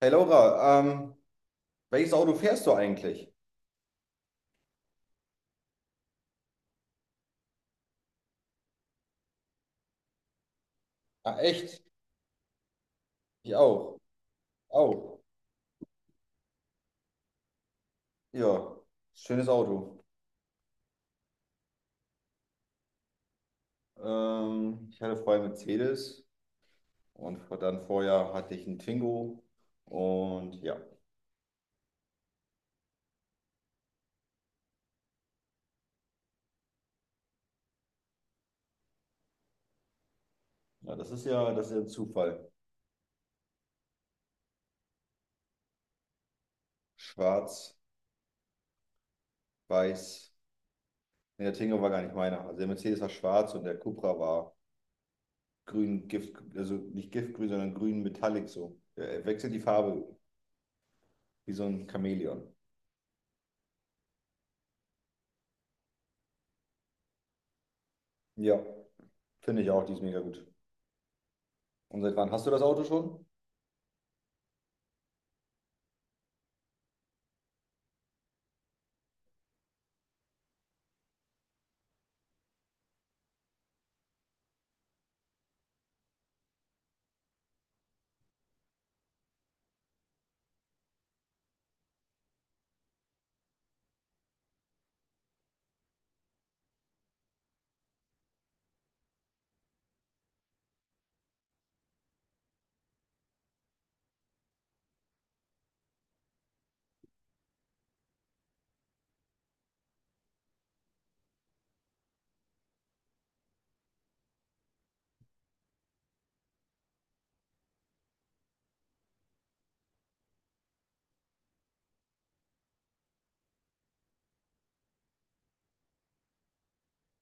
Hey Laura, welches Auto fährst du eigentlich? Ah, echt? Ich auch. Auch. Ja, schönes Auto. Ich hatte vorher einen Mercedes und dann vorher hatte ich einen Twingo. Und ja, ja, das ist ja ein Zufall. Schwarz, weiß. Nee, der Twingo war gar nicht meiner. Also der Mercedes war schwarz und der Cupra war grün, Gift, also nicht giftgrün, sondern grün Metallic so. Er wechselt die Farbe wie so ein Chamäleon. Ja, finde ich auch, die ist mega gut. Und seit wann hast du das Auto schon?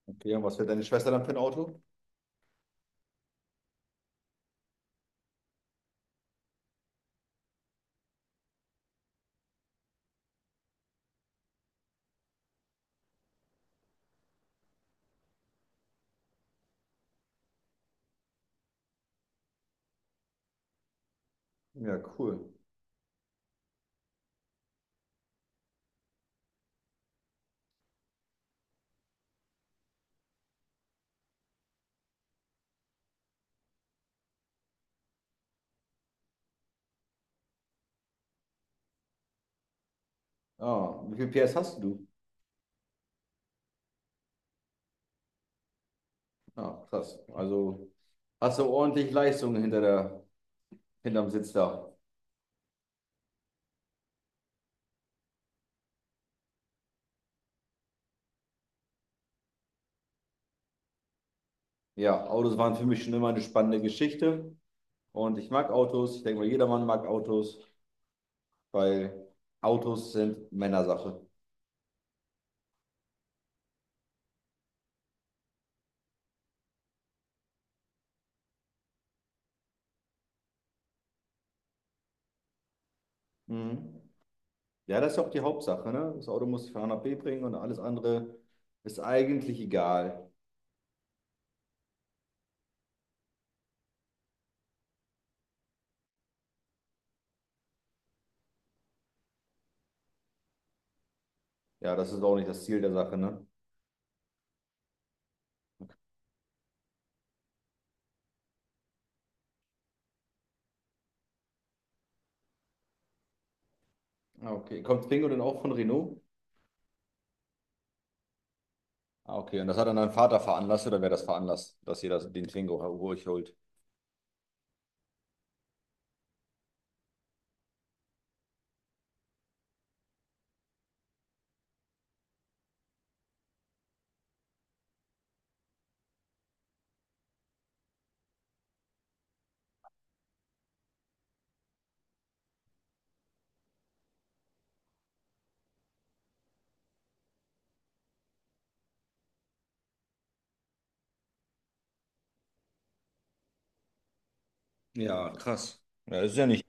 Okay, und was fährt deine Schwester dann für ein Auto? Ja, cool. Ah, wie viel PS hast du? Ah, krass. Also hast du ordentlich Leistung hinter hinterm Sitz da. Ja, Autos waren für mich schon immer eine spannende Geschichte. Und ich mag Autos. Ich denke mal, jedermann mag Autos, weil Autos sind Männersache. Mhm. Ja, das ist ja auch die Hauptsache, ne? Das Auto muss ich von A nach B bringen und alles andere ist eigentlich egal. Ja, das ist auch nicht das Ziel der Sache, ne? Ah, okay. Kommt Twingo denn auch von Renault? Ah, okay. Und das hat dann dein Vater veranlasst oder wer das veranlasst, dass den Klingo ruhig holt? Ja, krass. Ja, das ist ja nicht.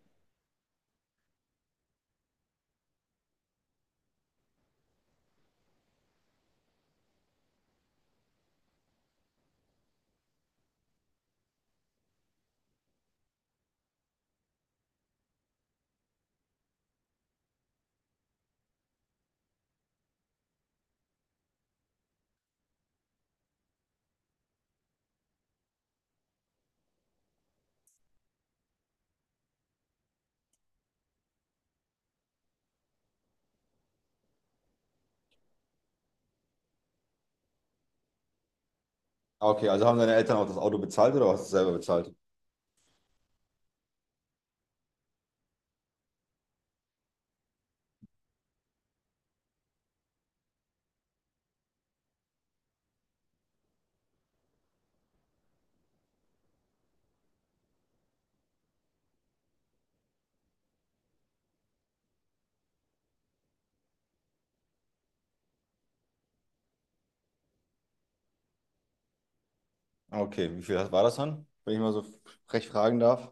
Ah, okay, also haben deine Eltern auch das Auto bezahlt oder hast du es selber bezahlt? Ah, okay, wie viel war das dann, wenn ich mal so frech fragen darf?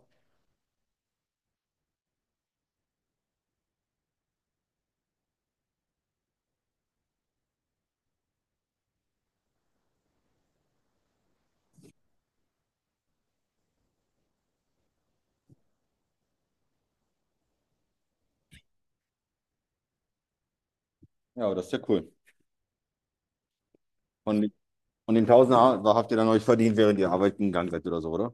Ja, aber das ist ja cool. Und, und den Tausender habt ihr dann euch verdient, während ihr arbeiten gegangen seid oder so, oder?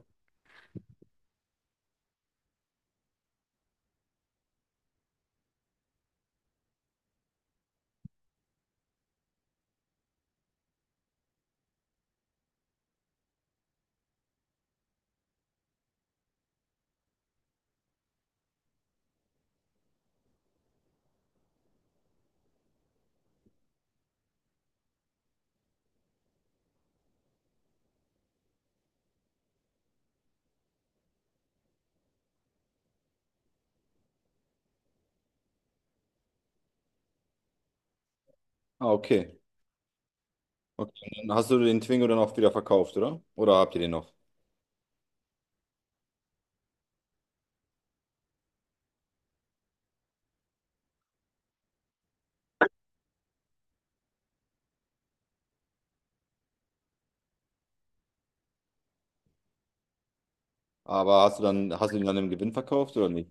Ah, okay. Okay, und dann hast du den Twingo dann auch wieder verkauft, oder? Oder habt ihr den noch? Aber hast du den dann im Gewinn verkauft oder nicht?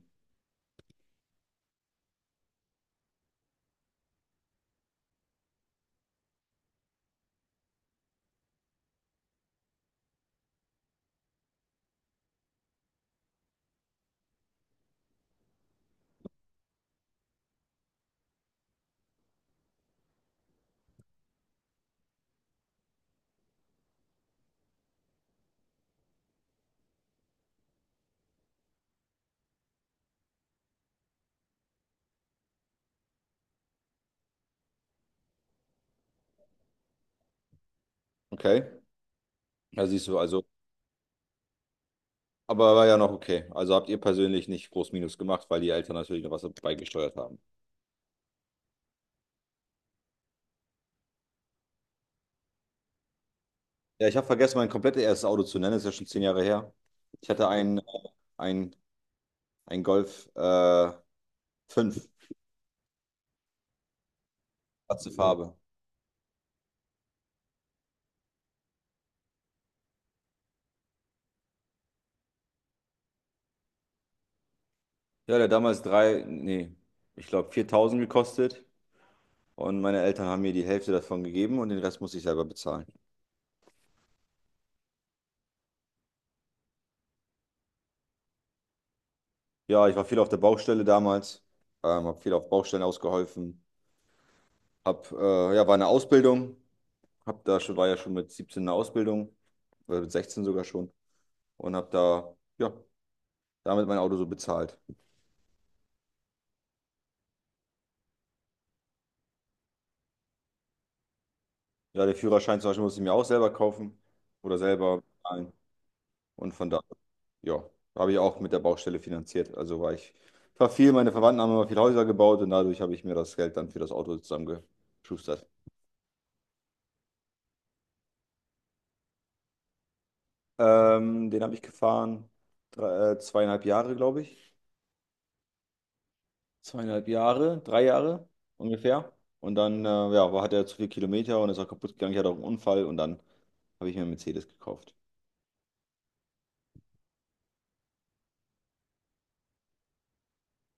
Okay. Ja, siehst du, also aber war ja noch okay. Also habt ihr persönlich nicht groß Minus gemacht, weil die Eltern natürlich noch was beigesteuert haben. Ja, ich habe vergessen, mein komplettes erstes Auto zu nennen. Das ist ja schon zehn Jahre her. Ich hatte einen, ein, ein Golf 5, schwarze Farbe. Ja, der hat damals ich glaube 4000 gekostet. Und meine Eltern haben mir die Hälfte davon gegeben und den Rest musste ich selber bezahlen. Ja, ich war viel auf der Baustelle damals, habe viel auf Baustellen ausgeholfen. War eine Ausbildung. War ja schon mit 17 in der Ausbildung, oder mit 16 sogar schon, und hab da, ja, damit mein Auto so bezahlt. Ja, der Führerschein zum Beispiel musste ich mir auch selber kaufen oder selber bezahlen. Und von da, ja, habe ich auch mit der Baustelle finanziert. Ich war viel, meine Verwandten haben immer viel Häuser gebaut und dadurch habe ich mir das Geld dann für das Auto zusammengeschustert. Den habe ich gefahren, zweieinhalb Jahre, glaube ich. Zweieinhalb Jahre, drei Jahre ungefähr. Und dann, ja, hat er zu viel Kilometer und ist auch kaputt gegangen. Ich hatte auch einen Unfall und dann habe ich mir einen Mercedes gekauft.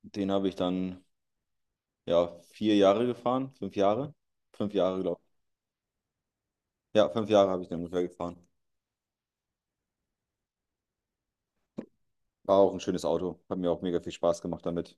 Den habe ich dann, ja, vier Jahre gefahren, fünf Jahre. Fünf Jahre, glaube ich. Ja, fünf Jahre habe ich den ungefähr gefahren. War auch ein schönes Auto. Hat mir auch mega viel Spaß gemacht damit.